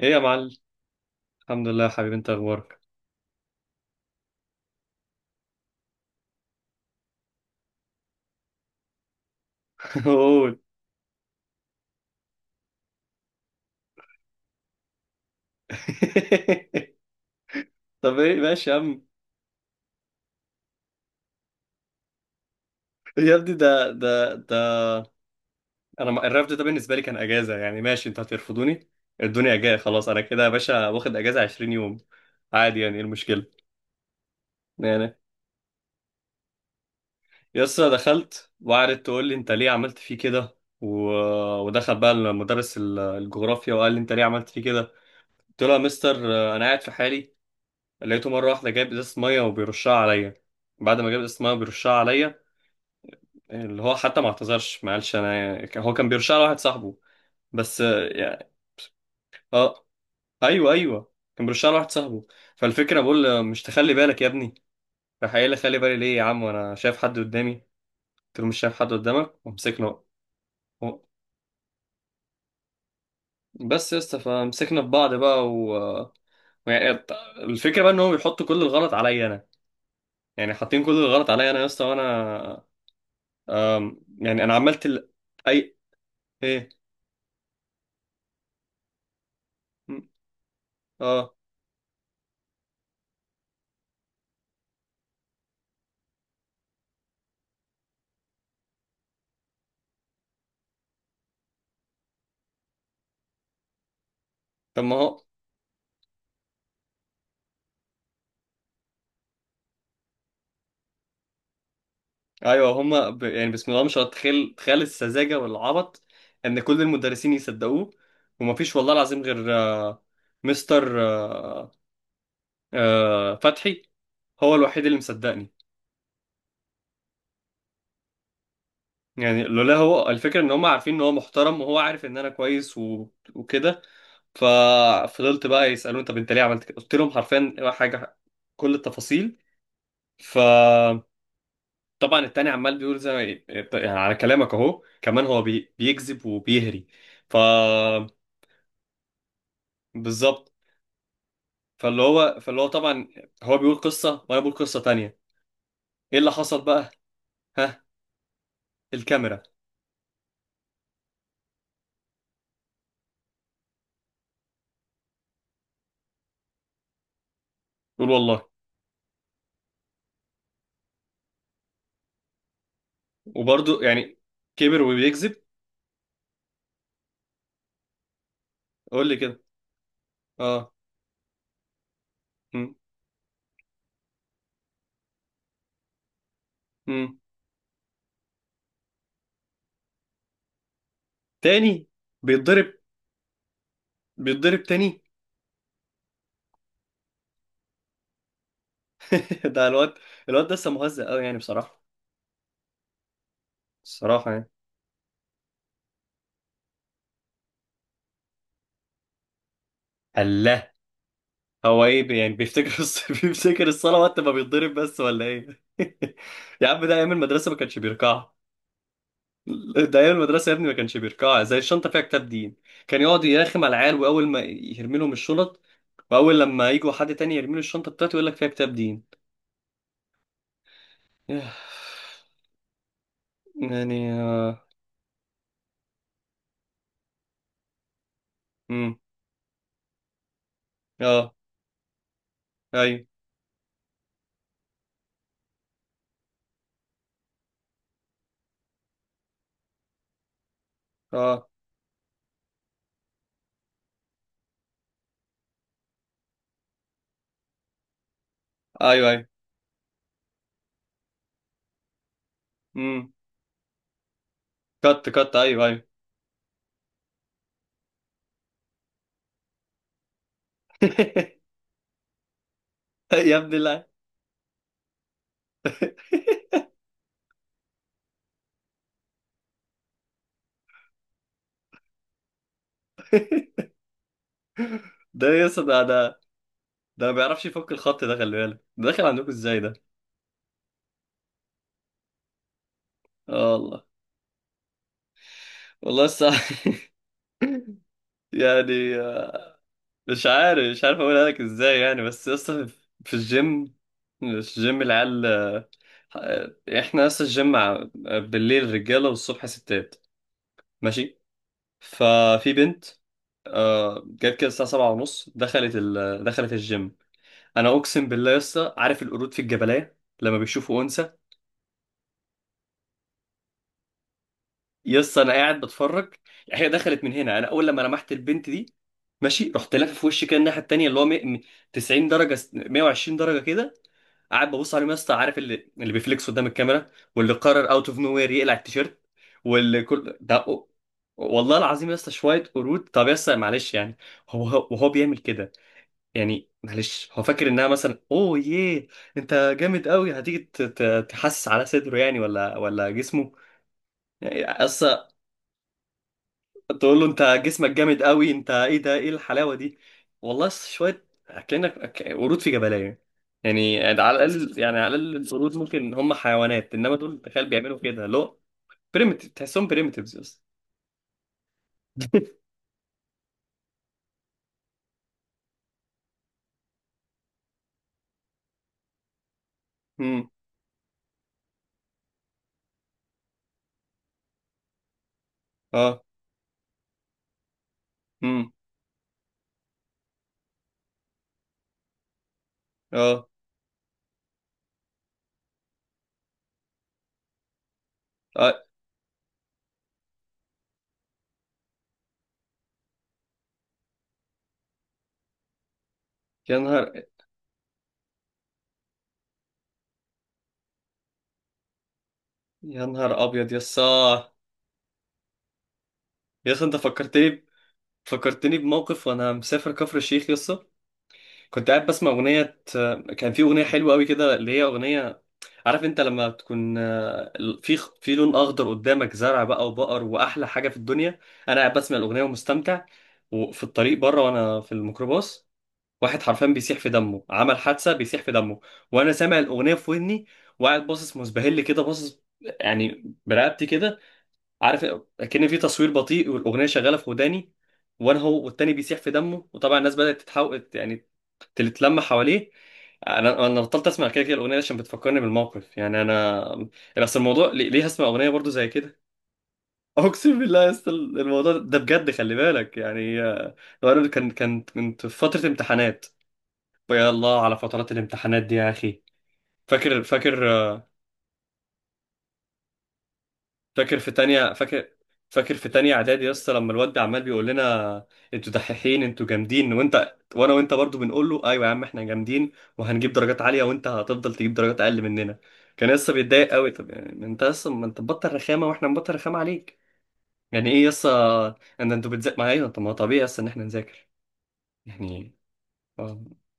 ايه يا معلم. الحمد لله يا حبيبي، انت اخبارك؟ قول. طب ايه، ماشي يا عم. يا ابني ده انا الرفض ده بالنسبه لي كان اجازه، يعني ماشي، انتوا هترفضوني، الدنيا جايه خلاص، انا كده يا باشا واخد اجازه 20 يوم عادي، يعني ايه المشكله؟ يعني يسطا دخلت وقعدت تقول لي انت ليه عملت فيه كده، و... ودخل بقى المدرس الجغرافيا وقال لي انت ليه عملت فيه كده. قلت له يا مستر، انا قاعد في حالي، لقيته مره واحده جايب ازازه ميه وبيرشها عليا، بعد ما جاب اسمها بيرشها عليا، اللي هو حتى ما اعتذرش، ما قالش انا هو كان بيرشها لواحد صاحبه. بس يعني. اه. ايوه، ايوه، كان بيرشها لواحد صاحبه. فالفكره بقول له مش تخلي بالك يا ابني، راح قايل لي خلي بالي ليه يا عم وانا شايف حد قدامي، قلت له مش شايف حد قدامك، ومسكنا. و- بس يا اسطى، فمسكنا في بعض بقى ويعني الت- الفكره بقى ان هو بيحط كل الغلط عليا انا، يعني حاطين كل الغلط عليا انا يا اسطى، وانا يعني انا عملت اي، ايه، م- اه. طب ما هو. ايوه هما يعني، بسم الله ما شاء الله، تخيل تخيل السذاجه والعبط، ان كل المدرسين يصدقوه، ومفيش والله العظيم غير مستر فتحي، هو الوحيد اللي مصدقني. يعني لولا هو، الفكره ان هم عارفين ان هو محترم، وهو عارف ان انا كويس وكده. ففضلت بقى يسالوني طب انت ليه عملت كده، قلت لهم حرفيا حاجه، كل التفاصيل. ف طبعا التاني عمال بيقول زي ما، يعني على كلامك اهو كمان، هو بيكذب وبيهري. ف بالظبط. فاللي هو طبعا هو بيقول قصة وانا بقول قصة تانية. ايه اللي حصل بقى؟ ها، الكاميرا. قول والله. وبرضه يعني كبر وبيكذب. قول لي كده. اه. مم. مم. تاني. بيتضرب. بيتضرب تاني. ده الواد، الواد ده لسه مهزأ قوي، يعني بصراحة، الصراحة يعني. الله. هو ايه، يعني بيفتكر بيفتكر الصلاة وقت ما بيتضرب بس، ولا ايه؟ يا عم، ده ايام المدرسة ما كانش بيركعها. ده ايام المدرسه يا ابني، ما كانش بيركع زي الشنطه فيها كتاب دين، كان يقعد يرخم على العيال، واول ما يرمي لهم الشنط، واول لما يجوا حد تاني يرمي له الشنطه بتاعته، يقول لك فيها كتاب دين. ياه. يعني اه. امم اه. ايوه. اه، ايوه، ايوه. امم كت، كت، ايوه، ايوه. يا ابني لا. ده يس، ده. ده ما بيعرفش يفك الخط ده، خلي بالك ده داخل عندكم ازاي ده. اه، والله، والله الصح. يعني، مش عارف اقولها لك ازاي، يعني بس اصلا في الجيم. مش جيم العيال، احنا اصلا الجيم بالليل رجاله، والصبح ستات، ماشي. ففي بنت، جت كده الساعه 7:30، دخلت الجيم. انا اقسم بالله يا اسطى، عارف القرود في الجبلية لما بيشوفوا انثى؟ يا اسطى انا قاعد بتفرج. هي دخلت من هنا، انا اول لما لمحت البنت دي، ماشي، رحت لافف في وشي كده الناحيه التانيه، اللي هو 100، 90 درجه، 120 درجه كده. قاعد ببص عليهم يا اسطى، عارف اللي بيفليكس قدام الكاميرا، واللي قرر اوت اوف نو وير يقلع التيشيرت، واللي كل والله العظيم يا اسطى شويه قرود. طب يا اسطى معلش، يعني هو وهو بيعمل كده، يعني معلش، هو فاكر انها مثلا، اوه ياه، انت جامد قوي، هتيجي تحسس على صدره يعني، ولا جسمه يعني، اصل تقول له انت جسمك جامد قوي، انت ايه ده، ايه الحلاوه دي. والله شويه اكلنا، قرود في جبلايه، يعني، على الاقل القرود ممكن هم حيوانات، انما دول تخيل بيعملوا كده لو بريمتيف، تحسهم بريمتيفز بس. امم اه. امم اه، اه. يا نهار يا نهار ابيض يا اسطى. يا اسطى انت فكرتني فكرتني بموقف وانا مسافر كفر الشيخ يا اسطى. كنت قاعد بسمع اغنيه، كان في اغنيه حلوه قوي كده، اللي هي اغنيه، عارف انت لما تكون، في في لون اخضر قدامك، زرع بقى وبقر، واحلى حاجه في الدنيا. انا قاعد بسمع الاغنيه ومستمتع، وفي الطريق بره وانا في الميكروباص، واحد حرفيا بيسيح في دمه، عمل حادثه، بيسيح في دمه، وانا سامع الاغنيه في ودني، وقاعد باصص مسبهل كده، باصص يعني برقبتي كده، عارف، كأن في تصوير بطيء والاغنيه شغاله في وداني، وانا هو والتاني بيسيح في دمه، وطبعا الناس بدات تتحول يعني، تتلم حواليه. انا بطلت اسمع، كده الاغنيه دي عشان بتفكرني بالموقف يعني انا، بس الموضوع، ليه هسمع اغنيه برضو زي كده؟ اقسم بالله يا اسطى، الموضوع ده بجد خلي بالك، يعني لو انا كان كنت في فتره امتحانات. يا الله على فترات الامتحانات دي يا اخي. فاكر، فاكر في تانية، فاكر في تانية اعدادي يا اسطى لما الواد عمال بيقول لنا انتوا دحيحين، انتوا جامدين، وانت وانا، وانت برضو بنقول له ايوه يا عم احنا جامدين، وهنجيب درجات عالية، وانت هتفضل تجيب درجات اقل مننا. كان لسه بيتضايق قوي، طب يعني ما انت لسه، ما انت مبطل رخامة واحنا مبطل رخامة عليك، يعني ايه يسا؟ ان انتوا بتذاكر معايا، طب ما هو طبيعي يسا ان احنا نذاكر، يعني اه،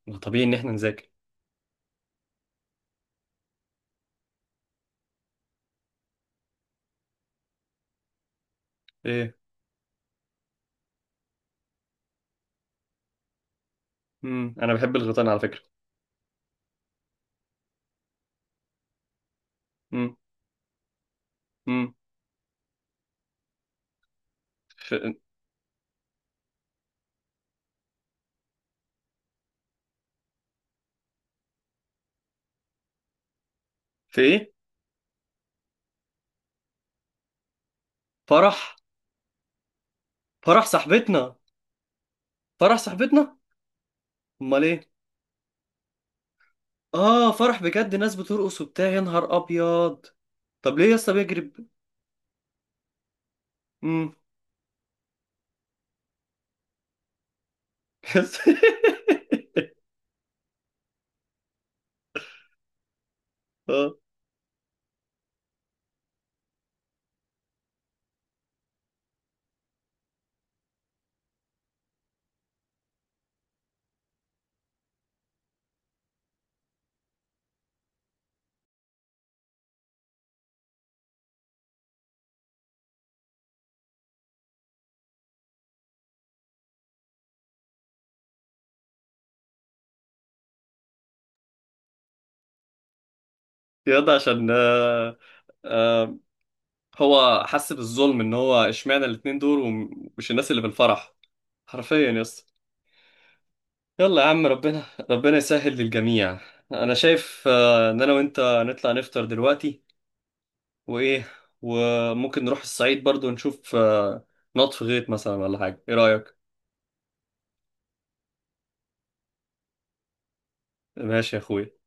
ما هو طبيعي ان احنا نذاكر. ايه. امم. انا بحب الغيطان على فكرة. امم. امم. في... في ايه؟ فرح. فرح صاحبتنا. فرح صاحبتنا. امال ايه؟ اه، فرح بجد، ناس بترقص وبتاع، يا نهار ابيض. طب ليه يا اسطى بيجري؟ امم. اه، ياض عشان آه، هو حس بالظلم ان هو اشمعنى الاتنين دول ومش الناس اللي في الفرح، حرفيا يا اسطى. يلا يا عم، ربنا، ربنا يسهل للجميع. انا شايف ان انا وانت نطلع نفطر دلوقتي، وايه، وممكن نروح الصعيد برضو نشوف، نط في غيط مثلا ولا حاجه، ايه رايك؟ ماشي يا اخويا.